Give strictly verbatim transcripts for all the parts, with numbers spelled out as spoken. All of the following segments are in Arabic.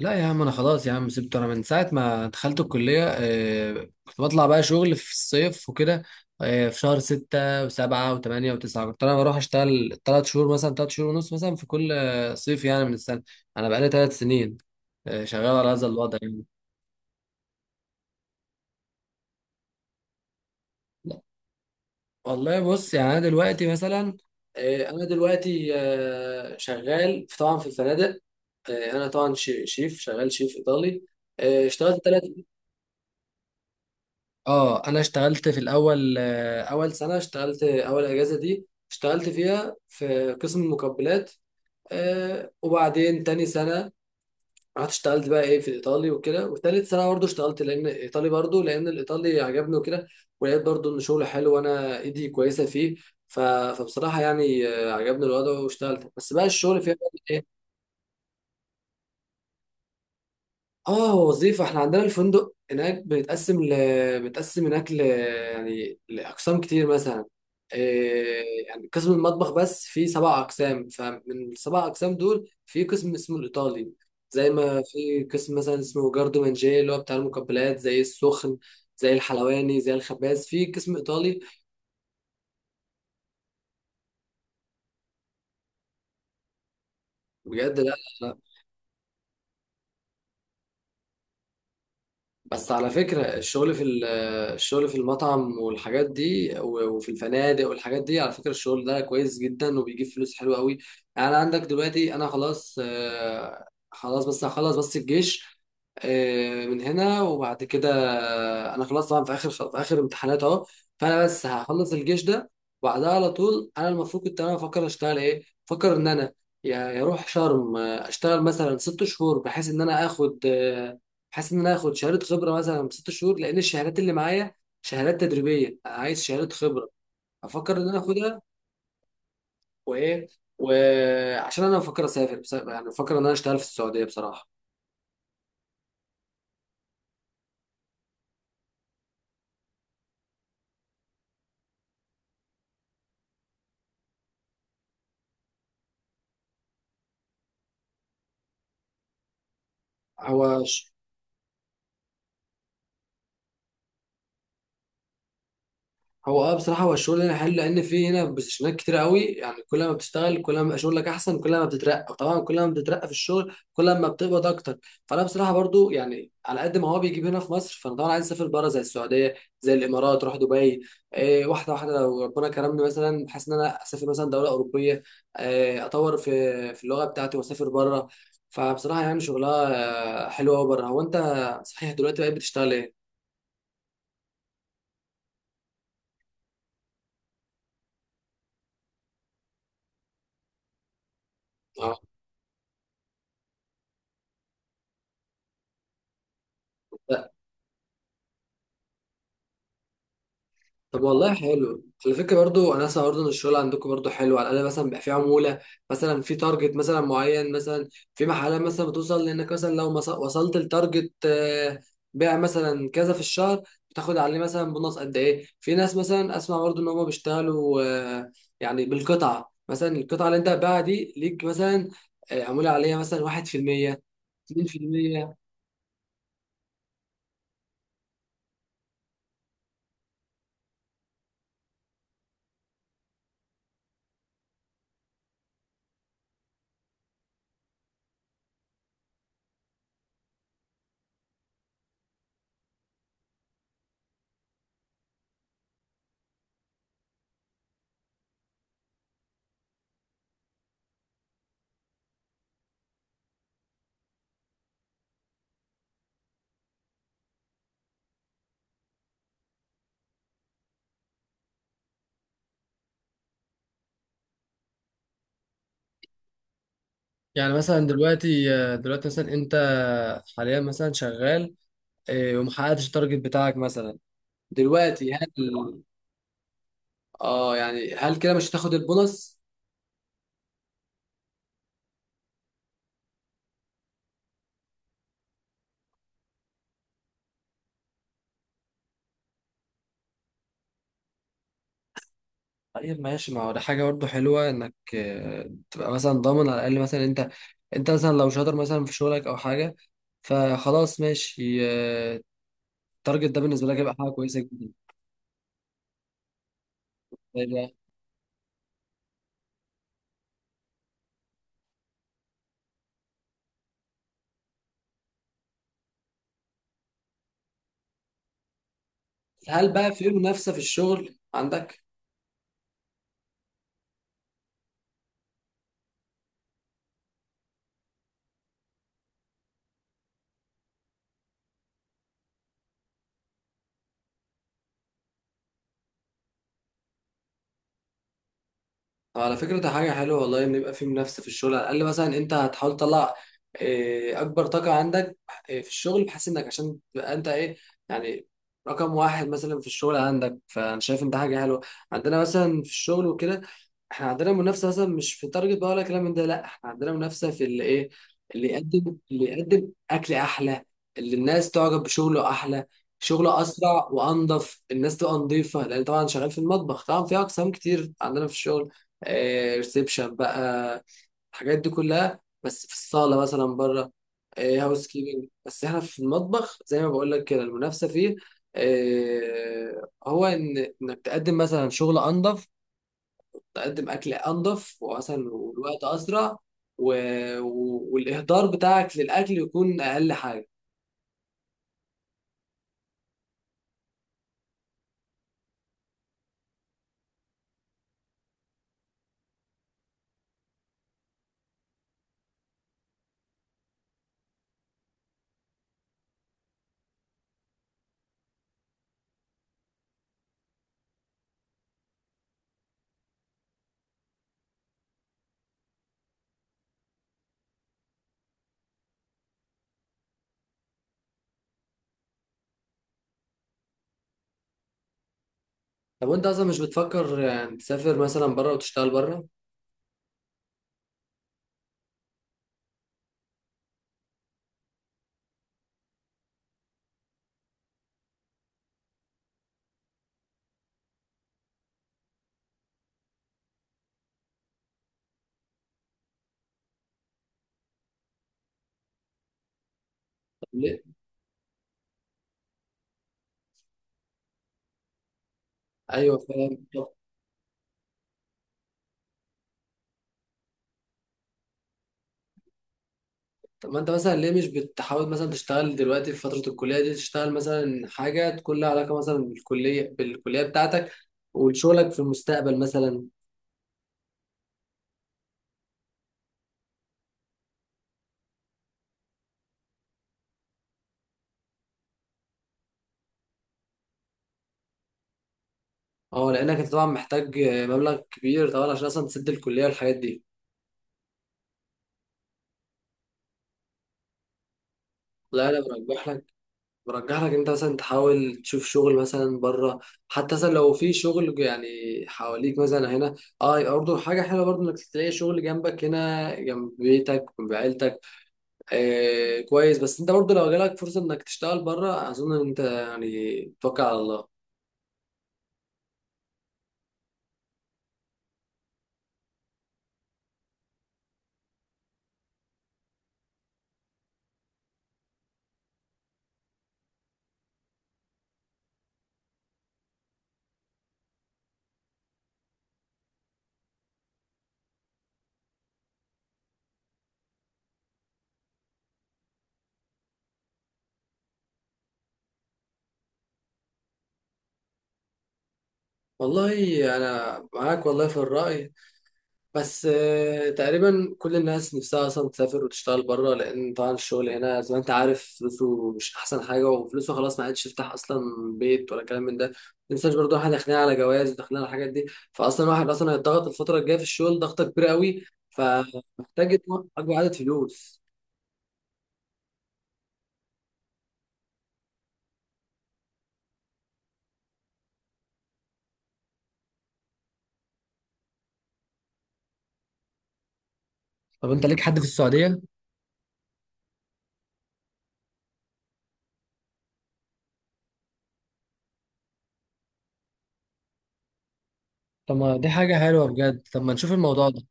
لا يا عم، انا خلاص يا عم. سبت انا من ساعه ما دخلت الكليه. آه، كنت بطلع بقى شغل في الصيف وكده. آه، في شهر ستة وسبعة وثمانية وتسعة كنت أنا بروح أشتغل تلات شهور مثلا، تلات شهور ونص مثلا، في كل آه، صيف يعني من السنة. أنا بقالي تلات سنين آه، شغال على هذا الوضع يعني. لا، والله بص يعني أنا دلوقتي مثلا آه، أنا دلوقتي آه، شغال في- طبعا في الفنادق. آه، أنا طبعا ش- شيف، شغال شيف إيطالي. آه، اشتغلت ثلاث. اه انا اشتغلت في الاول، آه، اول سنه اشتغلت، اول اجازه دي اشتغلت فيها في قسم المقبلات. آه وبعدين تاني سنه رحت اشتغلت بقى ايه في الايطالي وكده. وتالت سنه برضه اشتغلت لان الايطالي، برضه لان الايطالي عجبني وكده. ولقيت برضه ان شغله حلو وانا ايدي كويسه فيه. ف... فبصراحه يعني آه، عجبني الوضع واشتغلت، بس بقى الشغل فيها. اه وظيفة. احنا عندنا الفندق هناك بيتقسم ل... بيتقسم هناك ل... يعني لأقسام كتير مثلا. إيه، يعني قسم المطبخ بس فيه سبع أقسام، فمن السبع أقسام دول في قسم اسمه الإيطالي. زي ما في قسم مثلا اسمه جاردو مانجيه، اللي هو بتاع المقبلات زي السخن، زي الحلواني، زي الخباز، في قسم إيطالي. بجد، لا. بس على فكرة الشغل في ال- الشغل في المطعم والحاجات دي و- وفي الفنادق والحاجات دي، على فكرة الشغل ده كويس جدا وبيجيب فلوس حلوة قوي. يعني عندك دلوقتي أنا خلاص آه، خلاص، بس هخلص بس الجيش آه، من هنا وبعد كده. أنا خلاص طبعا في آخر، في آخر امتحانات أهو. فأنا بس هخلص الجيش ده وبعدها على طول، أنا المفروض كنت أنا بفكر أشتغل إيه؟ بفكر إن أنا يا يا أروح شرم آه، أشتغل مثلا ست شهور، بحيث إن أنا آخد آه، بحيث ان انا اخد شهاده خبره مثلا ست شهور، لان الشهادات اللي معايا شهادات تدريبيه، عايز شهاده خبره. افكر ان انا اخدها. وايه، وعشان انا بفكر اسافر، بس يعني بفكر ان انا اشتغل في السعوديه بصراحه. هو هو اه بصراحة هو الشغل هنا حلو، لأن في هنا بوزيشنات كتير قوي. يعني كل ما بتشتغل كل ما بيبقى شغلك أحسن، كل ما بتترقى، وطبعا كل ما بتترقى في الشغل كل ما بتقبض أكتر. فأنا بصراحة برضو يعني على قد ما هو بيجيب هنا في مصر، فأنا طبعا عايز أسافر بره زي السعودية، زي الإمارات، أروح دبي. إيه، واحدة واحدة لو ربنا كرمني مثلا بحيث إن أنا أسافر مثلا دولة أوروبية، إيه أطور في في اللغة بتاعتي وأسافر بره. فبصراحة يعني شغلها آه، حلو أوي بره. هو أنت صحيح دلوقتي بقيت بتشتغل إيه؟ اه، طب والله حلو على فكره. برضو انا اسمع برضو ان الشغل عندكم برضو حلو، على الاقل مثلا بيبقى في عموله مثلا، في تارجت مثلا معين مثلا، في محلات مثلا بتوصل لانك مثلا لو مس- وصلت لتارجت آه، بيع مثلا كذا في الشهر بتاخد عليه مثلا بونص قد ايه. في ناس مثلا اسمع برضو ان هم بيشتغلوا آه، يعني بالقطعه، مثلا القطعه اللي انت هتبيعها دي ليك مثلا آه، عموله عليها مثلا واحد في المية، اتنين في المية. يعني مثلا دلوقتي، دلوقتي مثلا انت حاليا مثلا شغال إيه، وما حققتش التارجت بتاعك مثلا دلوقتي، هل اه يعني هل كده مش هتاخد البونص؟ طيب ماشي، ما هو ده حاجه برضه حلوه، انك آه، تبقى مثلا ضامن على الاقل. مثلا انت، انت مثلا لو شاطر مثلا في شغلك او حاجه فخلاص ماشي، آه، التارجت ده بالنسبه لك هيبقى حاجه كويسه جدا. طيب يعني، هل بقى في منافسه في الشغل عندك؟ على فكرة ده حاجة حلوة والله، إن يبقى في منافسة في الشغل. على الأقل مثلا أنت هتحاول تطلع إيه، أكبر طاقة عندك إيه، في الشغل، بحيث إنك عشان تبقى أنت إيه يعني رقم واحد مثلا في الشغل عندك. فأنا شايف إن ده حاجة حلوة. عندنا مثلا في الشغل وكده، إحنا عندنا منافسة مثلا مش في تارجت بقى ولا كلام من ده، لأ إحنا عندنا منافسة في اللي إيه، اللي يقدم، اللي يقدم أكل أحلى، اللي الناس تعجب بشغله أحلى، شغله أسرع وأنظف، الناس تبقى نظيفة، لأن طبعا شغال في المطبخ. طبعا في أقسام كتير عندنا في الشغل، ريسبشن بقى، الحاجات دي كلها بس في الصالة مثلا بره، هاوس كيبنج. بس احنا في المطبخ زي ما بقول لك كده، المنافسة فيه آه، هو ان انك تقدم مثلا شغل انظف، تقدم اكل انظف ومثلا والوقت اسرع و... و... والاهدار بتاعك للاكل يكون اقل حاجة. طب وانت اصلا مش بتفكر يعني تسافر مثلا بره وتشتغل بره؟ طب ليه؟ ايوه فاهم. طب ما انت مثلا ليه مش بتحاول مثلا تشتغل دلوقتي في فترة الكلية دي، تشتغل مثلا حاجة تكون لها علاقة مثلا بالكلية بالكلية بتاعتك وشغلك في المستقبل مثلا. اه لانك انت طبعا محتاج مبلغ كبير طبعا، عشان اصلا تسد الكلية والحاجات دي. لا، انا برجح لك، برجح لك انت مثلا تحاول تشوف شغل مثلا بره. حتى مثلا لو في شغل يعني حواليك مثلا هنا اه، برضه حاجة حلوة برضه انك تلاقي شغل جنبك هنا، جنب بيتك وجنب عيلتك، آه كويس. بس انت برضه لو جالك فرصه انك تشتغل بره اظن ان انت يعني توكل على الله. والله انا معاك والله في الراي. بس آه تقريبا كل الناس نفسها اصلا تسافر وتشتغل بره، لان طبعا الشغل هنا زي ما انت عارف فلوسه مش احسن حاجه، وفلوسه خلاص ما عادش يفتح اصلا بيت ولا كلام من ده. ما تنساش برضه احنا داخلين على جواز وداخلين على الحاجات دي، فاصلا الواحد اصلا هيتضغط الفتره الجايه في الشغل ضغطه كبيره قوي، فمحتاج يجمع اكبر عدد فلوس. طب انت ليك حد في السعودية؟ طب ما دي حاجة حلوة بجد، طب ما نشوف الموضوع ده.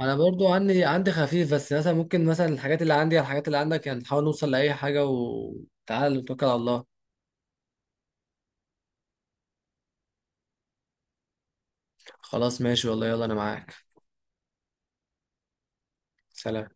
أنا برضو عندي، عندي خفيف بس. مثلا ممكن مثلا الحاجات اللي عندي على الحاجات اللي عندك، يعني نحاول نوصل لأي حاجة وتعال نتوكل على الله. خلاص ماشي والله، يلا أنا معاك. سلام.